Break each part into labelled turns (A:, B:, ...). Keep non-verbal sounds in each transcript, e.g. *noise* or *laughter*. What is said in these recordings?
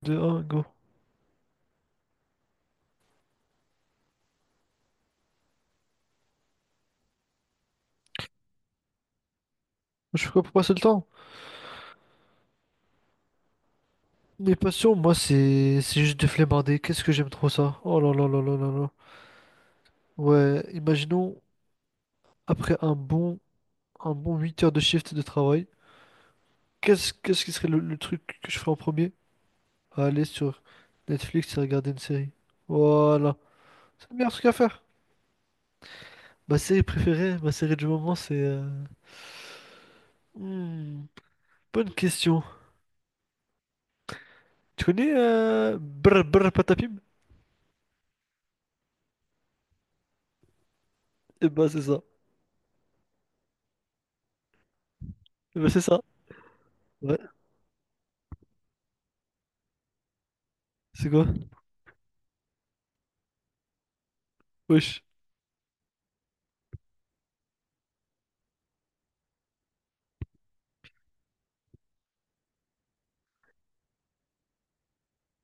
A: De un go. Je fais quoi pour passer le temps. Mes passions, moi, c'est juste de flemmarder. Qu'est-ce que j'aime trop ça. Oh là là là là là là. Ouais, imaginons, après un bon 8 heures de shift de travail, qu'est-ce qui serait le truc que je ferais en premier? Aller sur Netflix et regarder une série. Voilà. C'est le meilleur truc à faire. Ma série préférée, ma série du moment, c'est... hmm, bonne question. Tu connais Brr Brr Patapim? Eh ben, c'est ça. Eh ben, c'est ça. Ouais. C'est quoi? Wesh.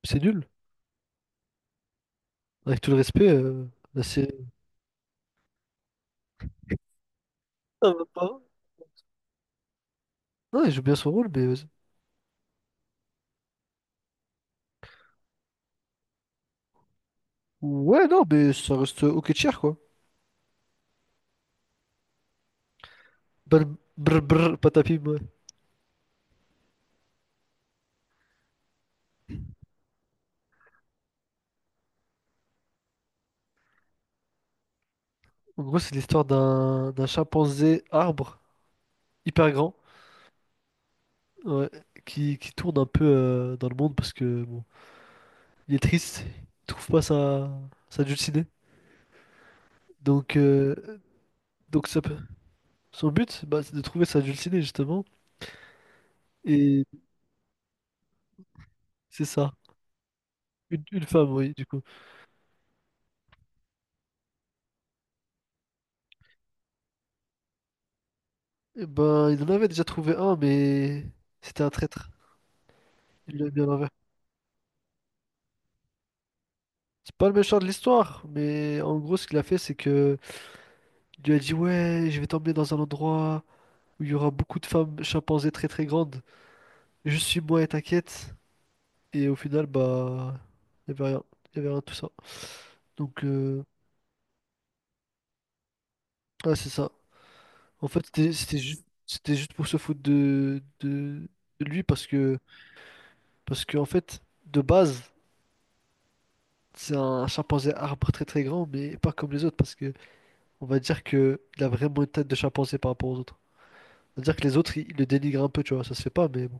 A: C'est nul. Avec tout le respect, là, c'est. Ça va pas. Non, il joue bien son rôle, mais. Vas-y. Ouais, non, mais ça reste ok tier, quoi. Brr, brr, brr, patapim, ouais. En gros, c'est l'histoire d'un chimpanzé arbre hyper grand, ouais, qui tourne un peu dans le monde parce que, bon, il est triste, il trouve pas sa, sa dulcinée. Donc, donc ça peut- son but, bah, c'est de trouver sa dulcinée, justement. Et c'est ça. Une femme, oui, du coup. Eh ben, il en avait déjà trouvé un, mais c'était un traître. Il l'a mis à l'envers. C'est pas le méchant de l'histoire, mais en gros, ce qu'il a fait, c'est que il lui a dit, ouais, je vais t'emmener dans un endroit où il y aura beaucoup de femmes chimpanzés très très grandes. Juste suis-moi et t'inquiète. Et au final, bah, il y avait rien. Il y avait rien de tout ça. Donc, ah, c'est ça. En fait, c'était juste pour se foutre de lui parce que, en fait, de base. C'est un chimpanzé arbre très très grand, mais pas comme les autres, parce que on va dire que il a vraiment une tête de chimpanzé par rapport aux autres. On va dire que les autres, ils le dénigrent un peu, tu vois, ça se fait pas, mais bon.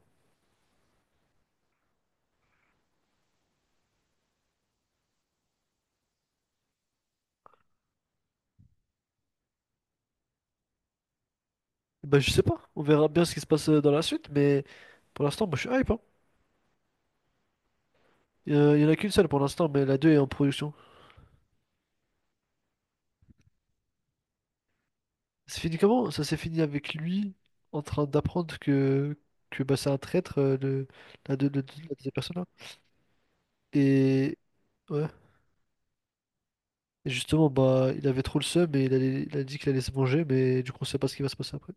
A: Bah je sais pas, on verra bien ce qui se passe dans la suite, mais pour l'instant, moi je suis hype, hein. Il y en a qu'une seule pour l'instant, mais la deux est en production. C'est fini comment? Ça s'est fini avec lui en train d'apprendre que bah, c'est un traître, le, la, la deuxième personne là. Et ouais. Et justement, bah il avait trop le seum et il a dit qu'il allait se manger, mais du coup on sait pas ce qui va se passer après.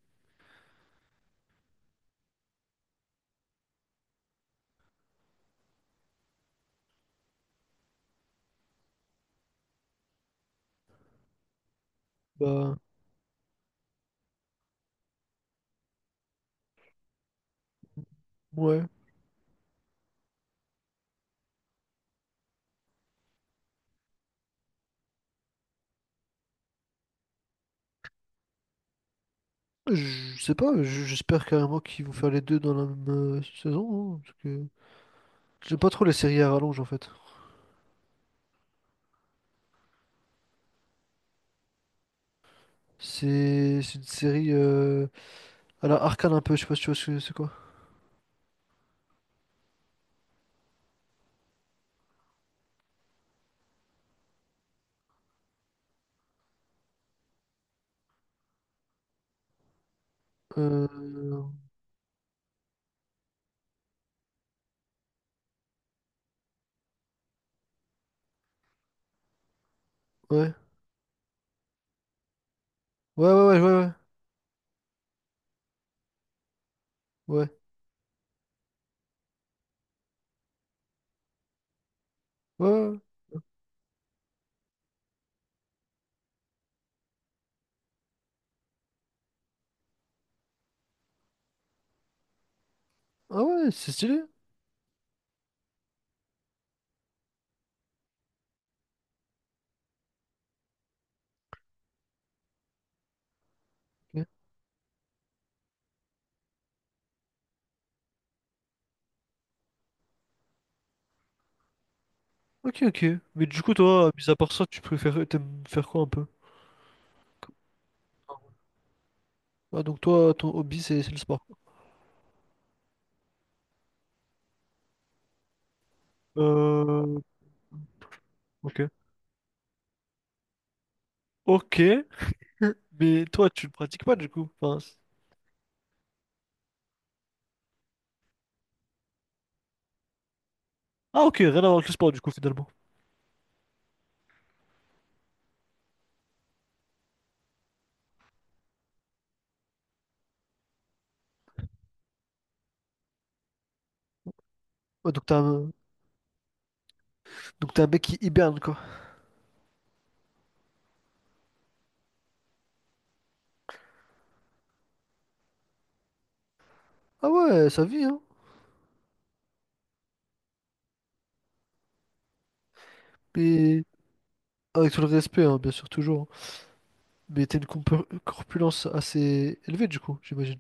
A: Bah, ouais. Je sais pas, j'espère carrément qu'ils vont faire les deux dans la même saison, hein, parce que j'aime pas trop les séries à rallonge en fait. C'est une série à la Arcane un peu, je sais pas si tu vois ce que c'est quoi. Euh, ouais. Ouais, ouais, ouais, ouais, ouais. Ouais, ouais, ouais. Ah ouais, c'est stylé. Ok, ok, ok. Mais du coup, toi, mis à part ça, tu préfères, t'aimes faire quoi un peu? Ah, donc toi, ton hobby, c'est le sport. Euh, ok. Ok. *laughs* Mais toi, tu le pratiques pas du coup. Enfin, ah ok, rien à voir avec le sport du coup finalement. Ouais, donc t'as un mec qui hiberne, quoi. Ah ouais, ça vit, hein. Mais avec tout le respect, hein, bien sûr, toujours, hein. Mais t'as une corpulence assez élevée, du coup, j'imagine.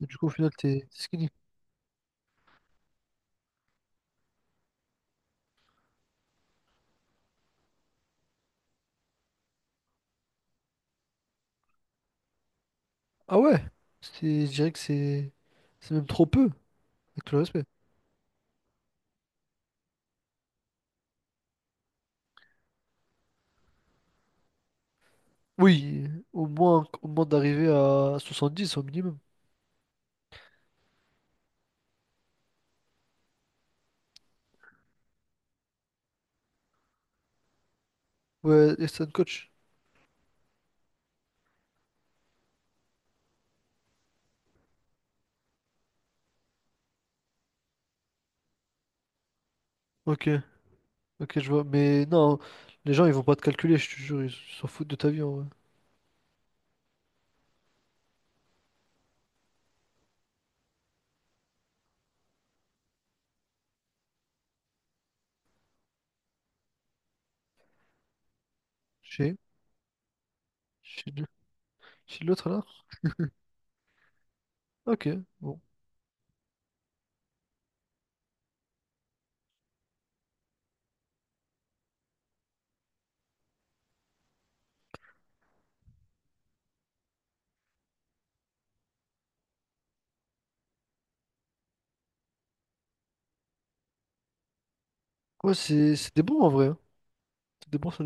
A: Et du coup, au final, t'es skinny. Ah ouais, c'est... je dirais que c'est... c'est même trop peu, avec tout le respect. Oui, au moins d'arriver à 70 au minimum. Ouais, Estan Coach. Ok, ok, je vois. Mais non, les gens, ils vont pas te calculer, je te jure, ils s'en foutent de ta vie, en vrai. Chez... chez le- chez l'autre, là? Ok, bon. Ouais, c'est, c'était bon en vrai, hein. C'était bon, ça.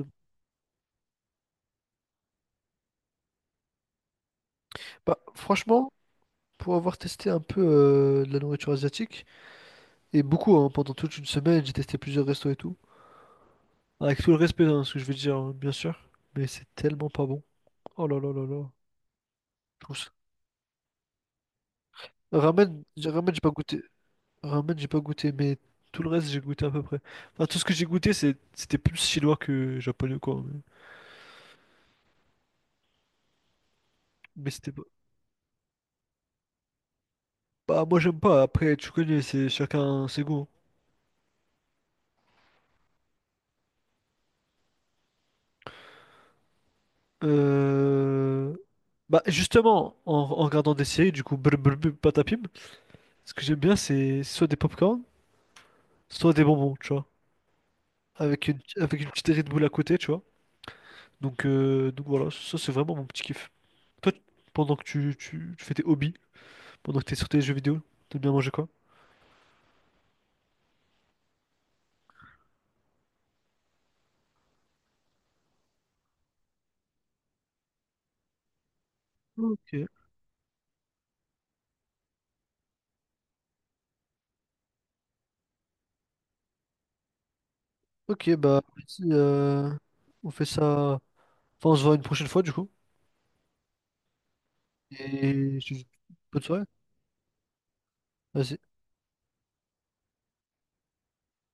A: Bah, franchement, pour avoir testé un peu de la nourriture asiatique, et beaucoup, hein, pendant toute une semaine, j'ai testé plusieurs restos et tout. Avec tout le respect, hein, ce que je veux dire, hein, bien sûr. Mais c'est tellement pas bon. Oh là là là là. Je trouve ça- ramen, ramen, j'ai pas goûté. Ramen, j'ai pas goûté, mais tout le reste, j'ai goûté à peu près. Enfin, tout ce que j'ai goûté, c'est, c'était plus chinois que japonais, quoi. Mais c'était pas. Bah, moi, j'aime pas. Après, tu connais, c'est chacun ses goûts, hein. Euh, bah justement, en, en regardant des séries, du coup, brr, brr, brr, patapim, ce que j'aime bien, c'est soit des popcorn, soit des bonbons, tu vois. Avec une petite Red Bull à côté, tu vois. Donc voilà, ça c'est vraiment mon petit kiff. Toi, pendant que tu fais tes hobbies, pendant que t'es sur tes jeux vidéo, t'aimes bien manger quoi? Ok, ok, bah vas-y, on fait ça. Enfin, on se voit une prochaine fois du coup. Et je te dis bonne soirée. Vas-y.